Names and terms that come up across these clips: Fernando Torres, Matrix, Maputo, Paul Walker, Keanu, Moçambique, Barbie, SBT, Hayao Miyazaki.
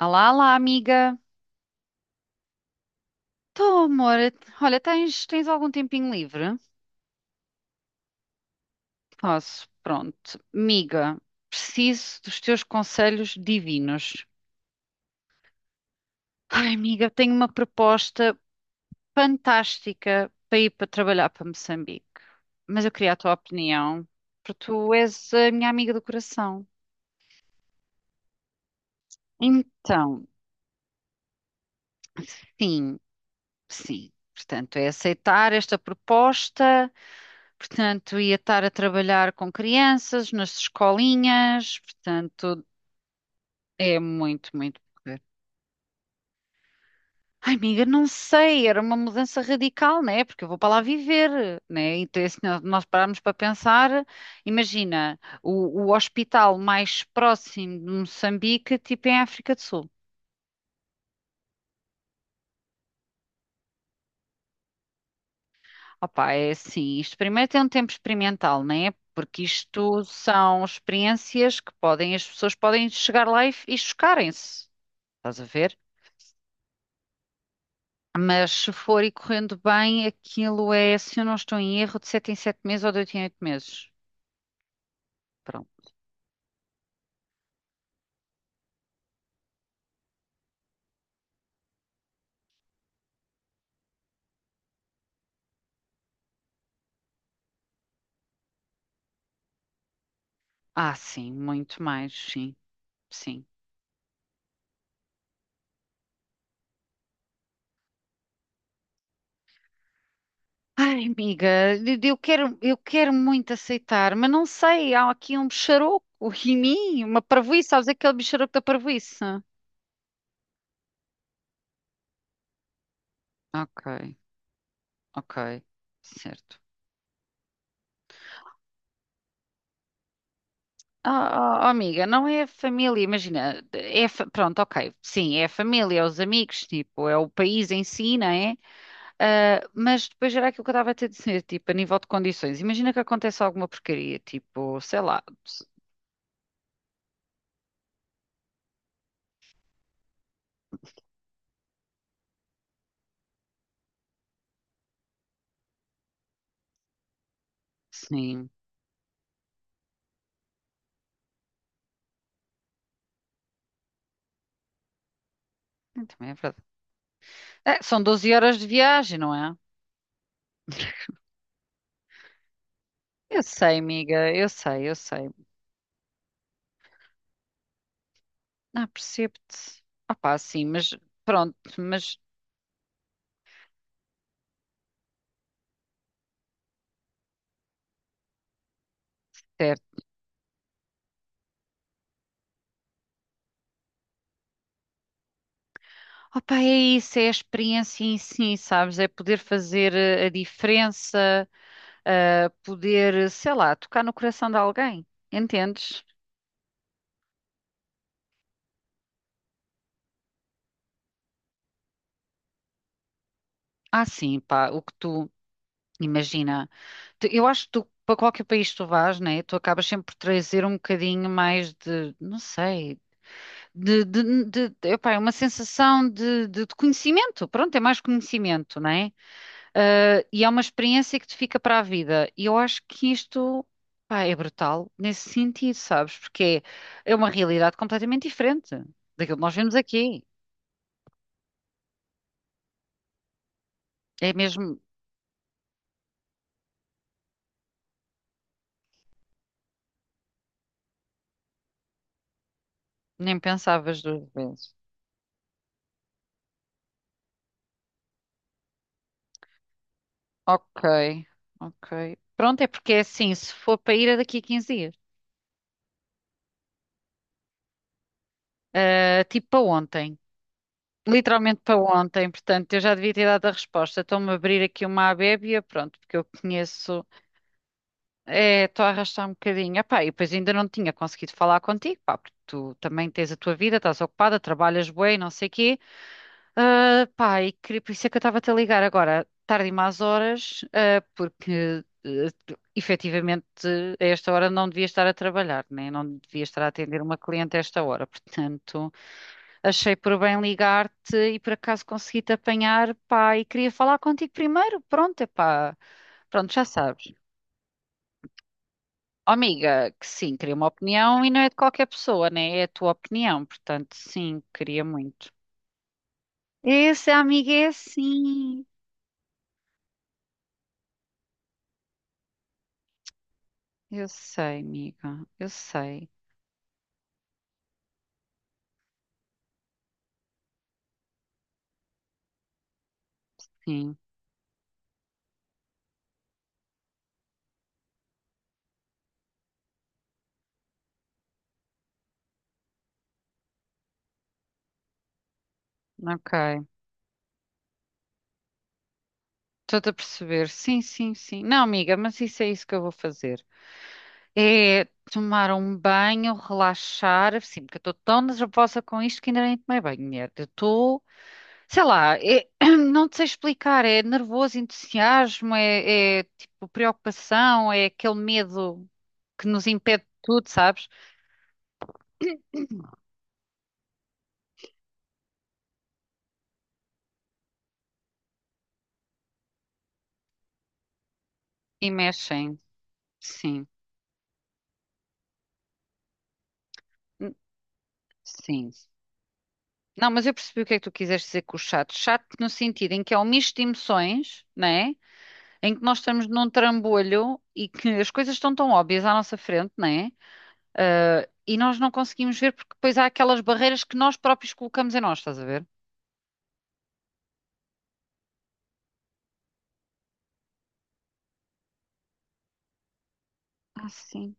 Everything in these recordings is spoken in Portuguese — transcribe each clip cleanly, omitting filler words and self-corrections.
Olá, olá, amiga. Tô, amor. Olha, tens algum tempinho livre? Posso, pronto. Amiga, preciso dos teus conselhos divinos. Ai, amiga, tenho uma proposta fantástica para ir para trabalhar para Moçambique. Mas eu queria a tua opinião, porque tu és a minha amiga do coração. Então, sim, sim. Portanto, é aceitar esta proposta. Portanto, ia estar a trabalhar com crianças, nas escolinhas, portanto, é muito, muito porreiro. Ai, amiga, não sei, era uma mudança radical, né? Porque eu vou para lá viver, né? Então, se nós pararmos para pensar, imagina, o hospital mais próximo de Moçambique, tipo é em África do Sul. Opá, é assim, isto primeiro tem um tempo experimental, né? Porque isto são experiências que podem, as pessoas podem chegar lá e chocarem-se. Estás a ver? Mas se for e correndo bem, aquilo é, se eu não estou em erro, de 7 em 7 meses ou de 8 em 8 meses. Pronto. Ah, sim, muito mais, sim, sim. Ai, amiga, eu quero muito aceitar, mas não sei, há aqui um bicharoco em mim, uma parvoíce, sabes aquele bicharoco da parvoíce? Ok, ok, certo. Ah, ah, ah, amiga, não é a família, imagina, é, pronto, ok, sim, é a família, é os amigos, tipo, é o país em si, não é? Ah, mas depois era aquilo que eu estava a te dizer, tipo, a nível de condições. Imagina que acontece alguma porcaria, tipo, sei lá, sim, também é verdade. É, são 12 horas de viagem, não é? Eu sei, amiga, eu sei, eu sei. Ah, percebo-te. Opá, sim, mas pronto, mas certo. Opá, é isso, é a experiência em si, sabes? É poder fazer a diferença, ah, poder, sei lá, tocar no coração de alguém, entendes? Ah, sim, pá, o que tu imagina. Eu acho que tu, para qualquer país que tu vás, né, tu acabas sempre por trazer um bocadinho mais de, não sei, epá, é uma sensação de conhecimento. Pronto, é mais conhecimento, né? Ah, e é uma experiência que te fica para a vida. E eu acho que isto, pá, é brutal nesse sentido, sabes? Porque é uma realidade completamente diferente daquilo que nós vemos aqui. É mesmo, nem pensavas duas vezes. Ok, ok. Pronto, é porque é assim, se for para ir é daqui a 15 dias. Ah, tipo para ontem. Literalmente para ontem, portanto, eu já devia ter dado a resposta. Estou-me a abrir aqui uma abébia, pronto, porque eu conheço. É, estou a arrastar um bocadinho. Epá, e depois ainda não tinha conseguido falar contigo, pá, porque tu também tens a tua vida, estás ocupada, trabalhas bué, e não sei quê. Ah, pá, e por isso é que eu estava a te ligar agora, tarde e más horas, ah, porque efetivamente a esta hora não devia estar a trabalhar, né? Não devia estar a atender uma cliente a esta hora. Portanto, achei por bem ligar-te e por acaso consegui-te apanhar, pá, e queria falar contigo primeiro. Pronto, é pá, pronto, já sabes. Oh, amiga, que sim, queria uma opinião e não é de qualquer pessoa, né? É a tua opinião, portanto, sim, queria muito. Esse amigo é assim. Eu sei, amiga. Eu sei. Sim. Ok. Estou-te a perceber. Sim, sim, sim. Não, amiga, mas isso é isso que eu vou fazer. É tomar um banho, relaxar. Sim, porque eu estou tão nervosa com isto que ainda nem tomei banho, mulher. Eu estou, sei lá, não te sei explicar. É nervoso, entusiasmo, é tipo preocupação, é aquele medo que nos impede de tudo, sabes? E mexem. Sim. Hum, sim. Não, mas eu percebi o que é que tu quiseste dizer com o chato. Chato no sentido em que é um misto de emoções, né? Em que nós estamos num trambolho e que as coisas estão tão óbvias à nossa frente, né? Ah, e nós não conseguimos ver porque depois há aquelas barreiras que nós próprios colocamos em nós, estás a ver? Ah, sim.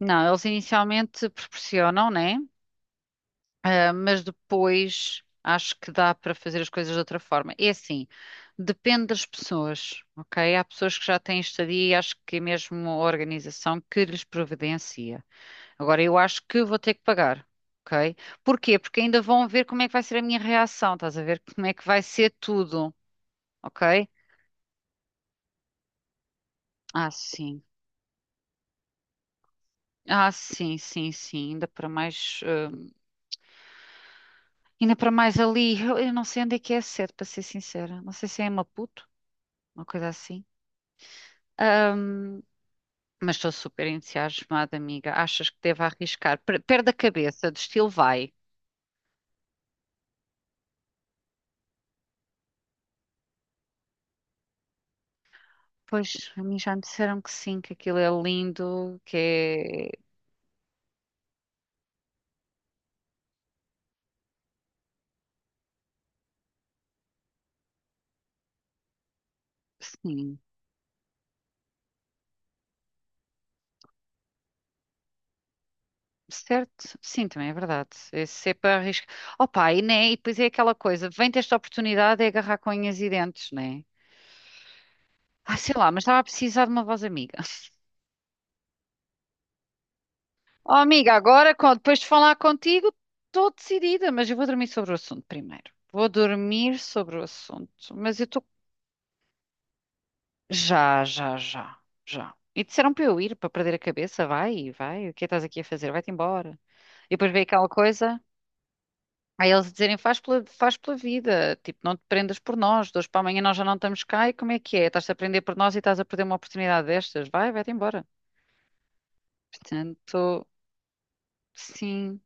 Não, eles inicialmente proporcionam, né? Ah, mas depois acho que dá para fazer as coisas de outra forma. É assim, depende das pessoas, ok? Há pessoas que já têm estadia e acho que é mesmo a organização que lhes providencia. Agora, eu acho que vou ter que pagar, ok? Porquê? Porque ainda vão ver como é que vai ser a minha reação, estás a ver como é que vai ser tudo, ok? Ah, sim. Ah, sim, sim, sim. Ainda para mais, ainda para mais ali. Eu não sei onde é que é a sede, para ser sincera. Não sei se é em Maputo, uma coisa assim. Mas estou super entusiasmada, amiga. Achas que devo arriscar? Perde a cabeça, do estilo vai. Pois, a mim já me disseram que sim, que aquilo é lindo, que é. Sim, certo? Sim, também é verdade. Esse é para arriscar. Opa, e, né? E depois é aquela coisa: vem ter esta oportunidade é agarrar com unhas e dentes, né? Ah, sei lá, mas estava a precisar de uma voz amiga. Oh, amiga, agora, depois de falar contigo, estou decidida, mas eu vou dormir sobre o assunto primeiro. Vou dormir sobre o assunto, mas eu estou. Já, já, já, já. E disseram para eu ir, para perder a cabeça. Vai, vai, o que é que estás aqui a fazer? Vai-te embora. E depois veio aquela coisa, aí eles dizerem, faz pela vida, tipo, não te prendas por nós, de hoje para amanhã nós já não estamos cá, e como é que é? Estás-te a prender por nós e estás a perder uma oportunidade destas? Vai, vai-te embora. Portanto, sim,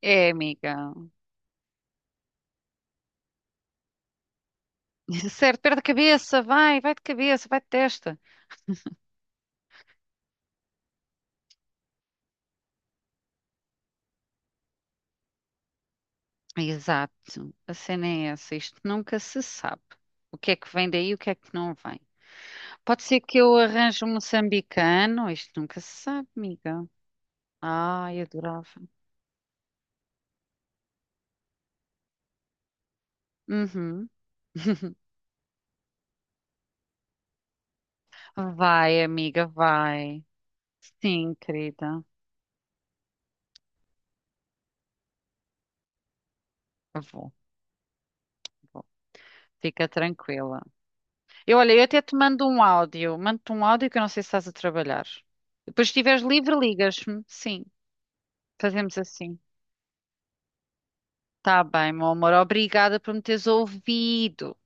é, amiga. Certo, perde a cabeça, vai, vai de cabeça, vai de testa. Exato, a cena é essa, isto nunca se sabe. O que é que vem daí e o que é que não vem. Pode ser que eu arranje um moçambicano. Isto nunca se sabe, amiga. Ai, adorava. Uhum. Vai, amiga, vai. Sim, querida. Eu vou. Fica tranquila. Eu, olha, eu até te mando um áudio. Mando-te um áudio que eu não sei se estás a trabalhar. Depois, se estiveres livre, ligas-me. Sim, fazemos assim. Tá bem, meu amor. Obrigada por me teres ouvido.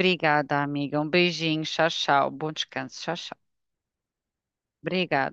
Obrigada, amiga. Um beijinho. Tchau, tchau. Bom descanso. Tchau, tchau. Obrigada.